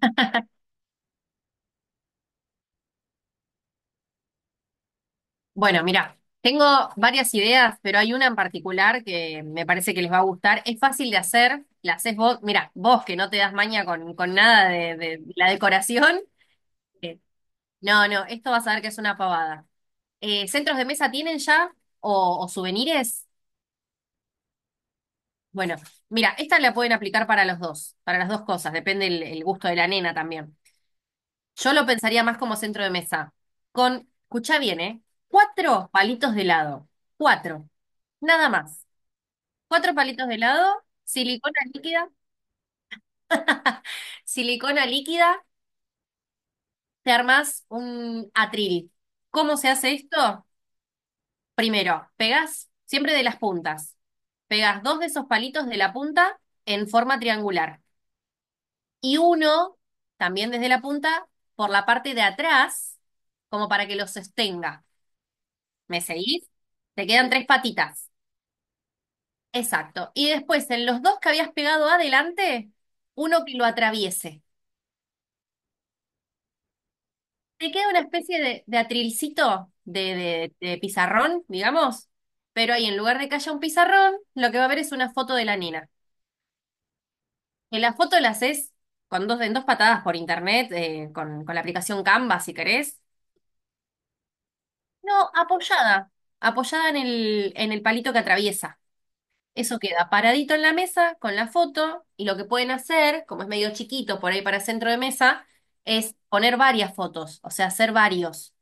Bueno, mira, tengo varias ideas, pero hay una en particular que me parece que les va a gustar. Es fácil de hacer, la haces vos. Mira, vos que no te das maña con nada de la decoración. eh, No, no, esto vas a ver que es una pavada. ¿Centros de mesa tienen ya o souvenirs? Bueno, mira, esta la pueden aplicar para los dos, para las dos cosas, depende el gusto de la nena también. Yo lo pensaría más como centro de mesa, con, escucha bien, ¿eh? Cuatro palitos de helado, cuatro, nada más. Cuatro palitos de helado, silicona líquida, silicona líquida, te armás un atril. ¿Cómo se hace esto? Primero, pegás siempre de las puntas. Pegás dos de esos palitos de la punta en forma triangular y uno también desde la punta por la parte de atrás, como para que los sostenga. ¿Me seguís? Te quedan tres patitas. Exacto. Y después, en los dos que habías pegado adelante, uno que lo atraviese. Te queda una especie de atrilcito de pizarrón, digamos, pero ahí en lugar de que haya un pizarrón, lo que va a haber es una foto de la nena. Que la foto la haces con dos, en dos patadas por internet, con la aplicación Canva, si querés. No, apoyada, apoyada en el palito que atraviesa. Eso queda paradito en la mesa con la foto y lo que pueden hacer, como es medio chiquito por ahí para centro de mesa, es poner varias fotos, o sea, hacer varios.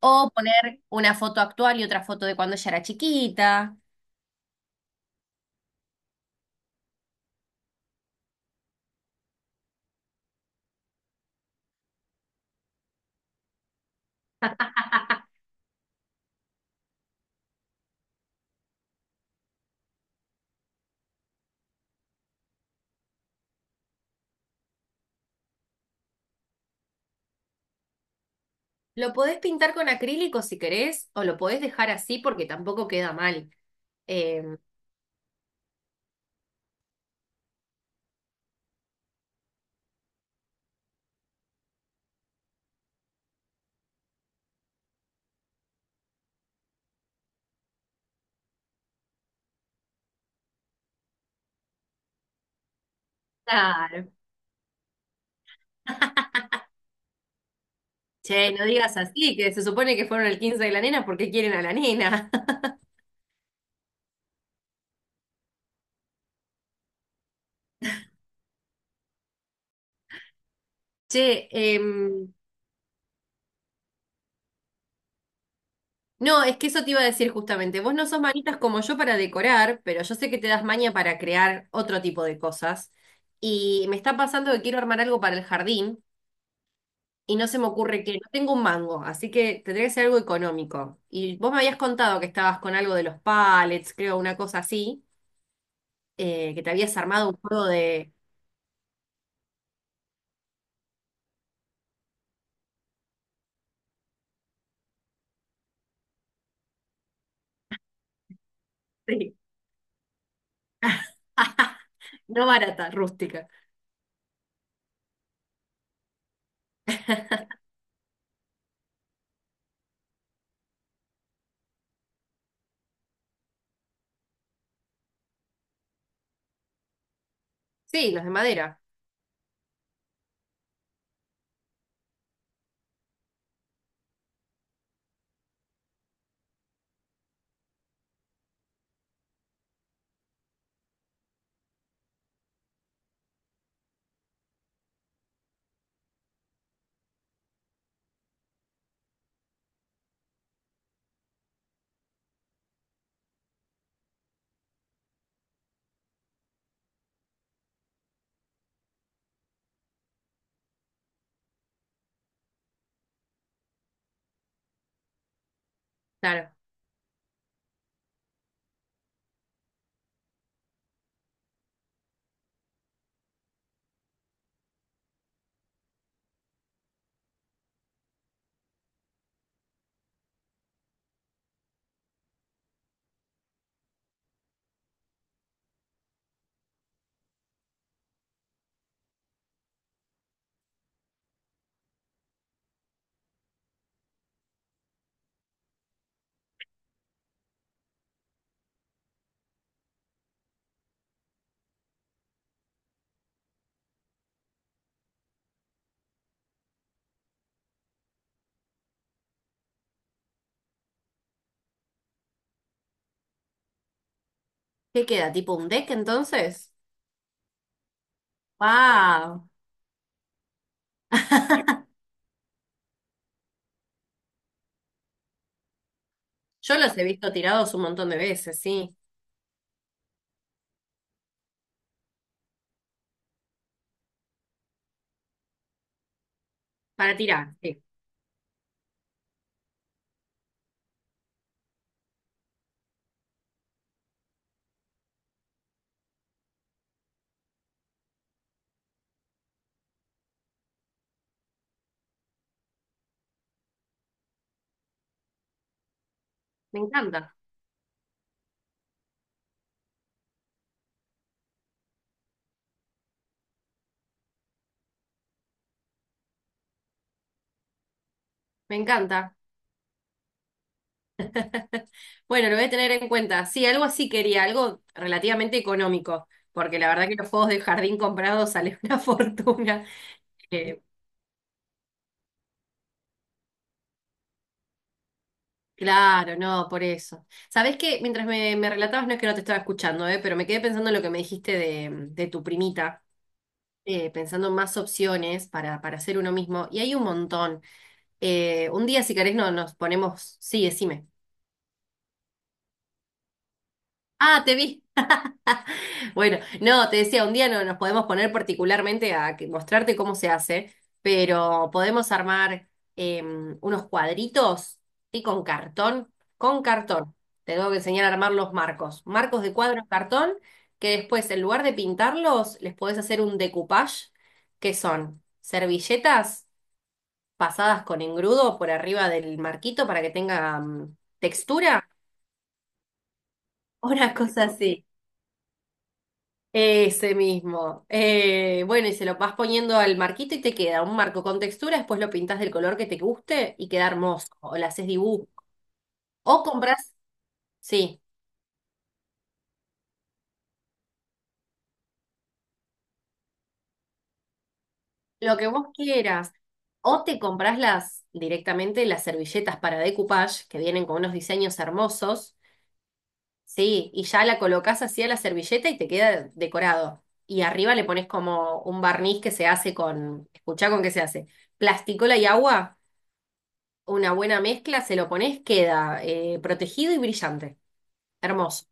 O poner una foto actual y otra foto de cuando ella era chiquita. Lo podés pintar con acrílico si querés, o lo podés dejar así porque tampoco queda mal. Eh, claro. Che, no digas así, que se supone que fueron el 15 de la nena porque quieren a la nena. Che, no, es que eso te iba a decir justamente. Vos no sos manitas como yo para decorar, pero yo sé que te das maña para crear otro tipo de cosas. Y me está pasando que quiero armar algo para el jardín. Y no se me ocurre que no tengo un mango, así que tendría que ser algo económico. Y vos me habías contado que estabas con algo de los pallets, creo, una cosa así, que te habías armado un juego de... Sí. No barata, rústica. Sí, los de madera, claro. ¿Qué queda? ¿Tipo un deck entonces? ¡Wow! Yo los he visto tirados un montón de veces, sí. Para tirar, sí. Me encanta, me encanta. Bueno, lo voy a tener en cuenta. Sí, algo así quería, algo relativamente económico, porque la verdad que los juegos de jardín comprados salen una fortuna. Eh, claro, no, por eso. Sabés que mientras me relatabas, no es que no te estaba escuchando, pero me quedé pensando en lo que me dijiste de tu primita, pensando en más opciones para hacer uno mismo, y hay un montón. Un día, si querés, no, nos ponemos. Sí, decime. Ah, te vi. Bueno, no, te decía, un día no nos podemos poner particularmente a que- mostrarte cómo se hace, pero podemos armar eh, unos cuadritos y con cartón, con cartón. Te tengo que enseñar a armar los marcos, marcos de cuadro en cartón, que después en lugar de pintarlos, les podés hacer un decoupage, que son servilletas pasadas con engrudo por arriba del marquito para que tenga textura, una cosa así. Ese mismo. Bueno, y se lo vas poniendo al marquito y te queda un marco con textura, después lo pintas del color que te guste y queda hermoso. O le haces dibujo. O compras, sí, lo que vos quieras. O te compras las directamente las servilletas para decoupage, que vienen con unos diseños hermosos, sí, y ya la colocas así a la servilleta y te queda decorado. Y arriba le pones como un barniz que se hace con, escuchá con qué se hace, plasticola y agua. Una buena mezcla, se lo pones, queda protegido y brillante. Hermoso.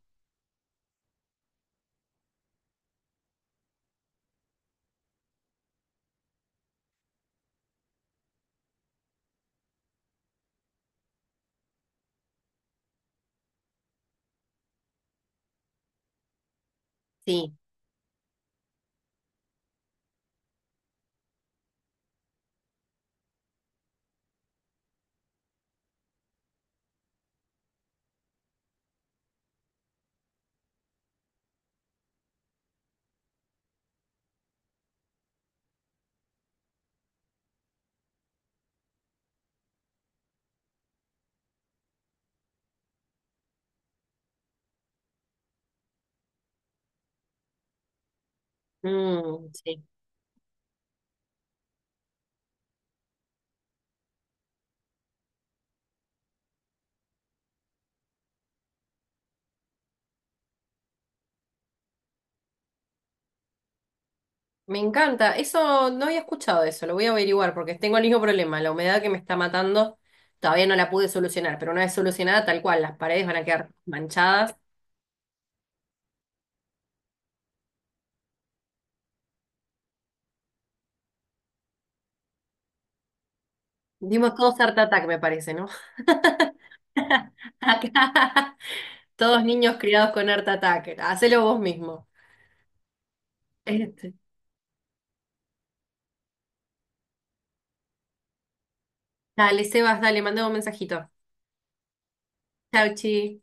Sí. Mm, sí. Me encanta. Eso no había escuchado eso, lo voy a averiguar porque tengo el mismo problema. La humedad que me está matando todavía no la pude solucionar, pero una vez solucionada, tal cual, las paredes van a quedar manchadas. Dimos todos Art Attack, me parece, ¿no? Acá, todos niños criados con Art Attack. Hacelo vos mismo. Este. Dale, Sebas, dale, mandame un mensajito. Chau, chi.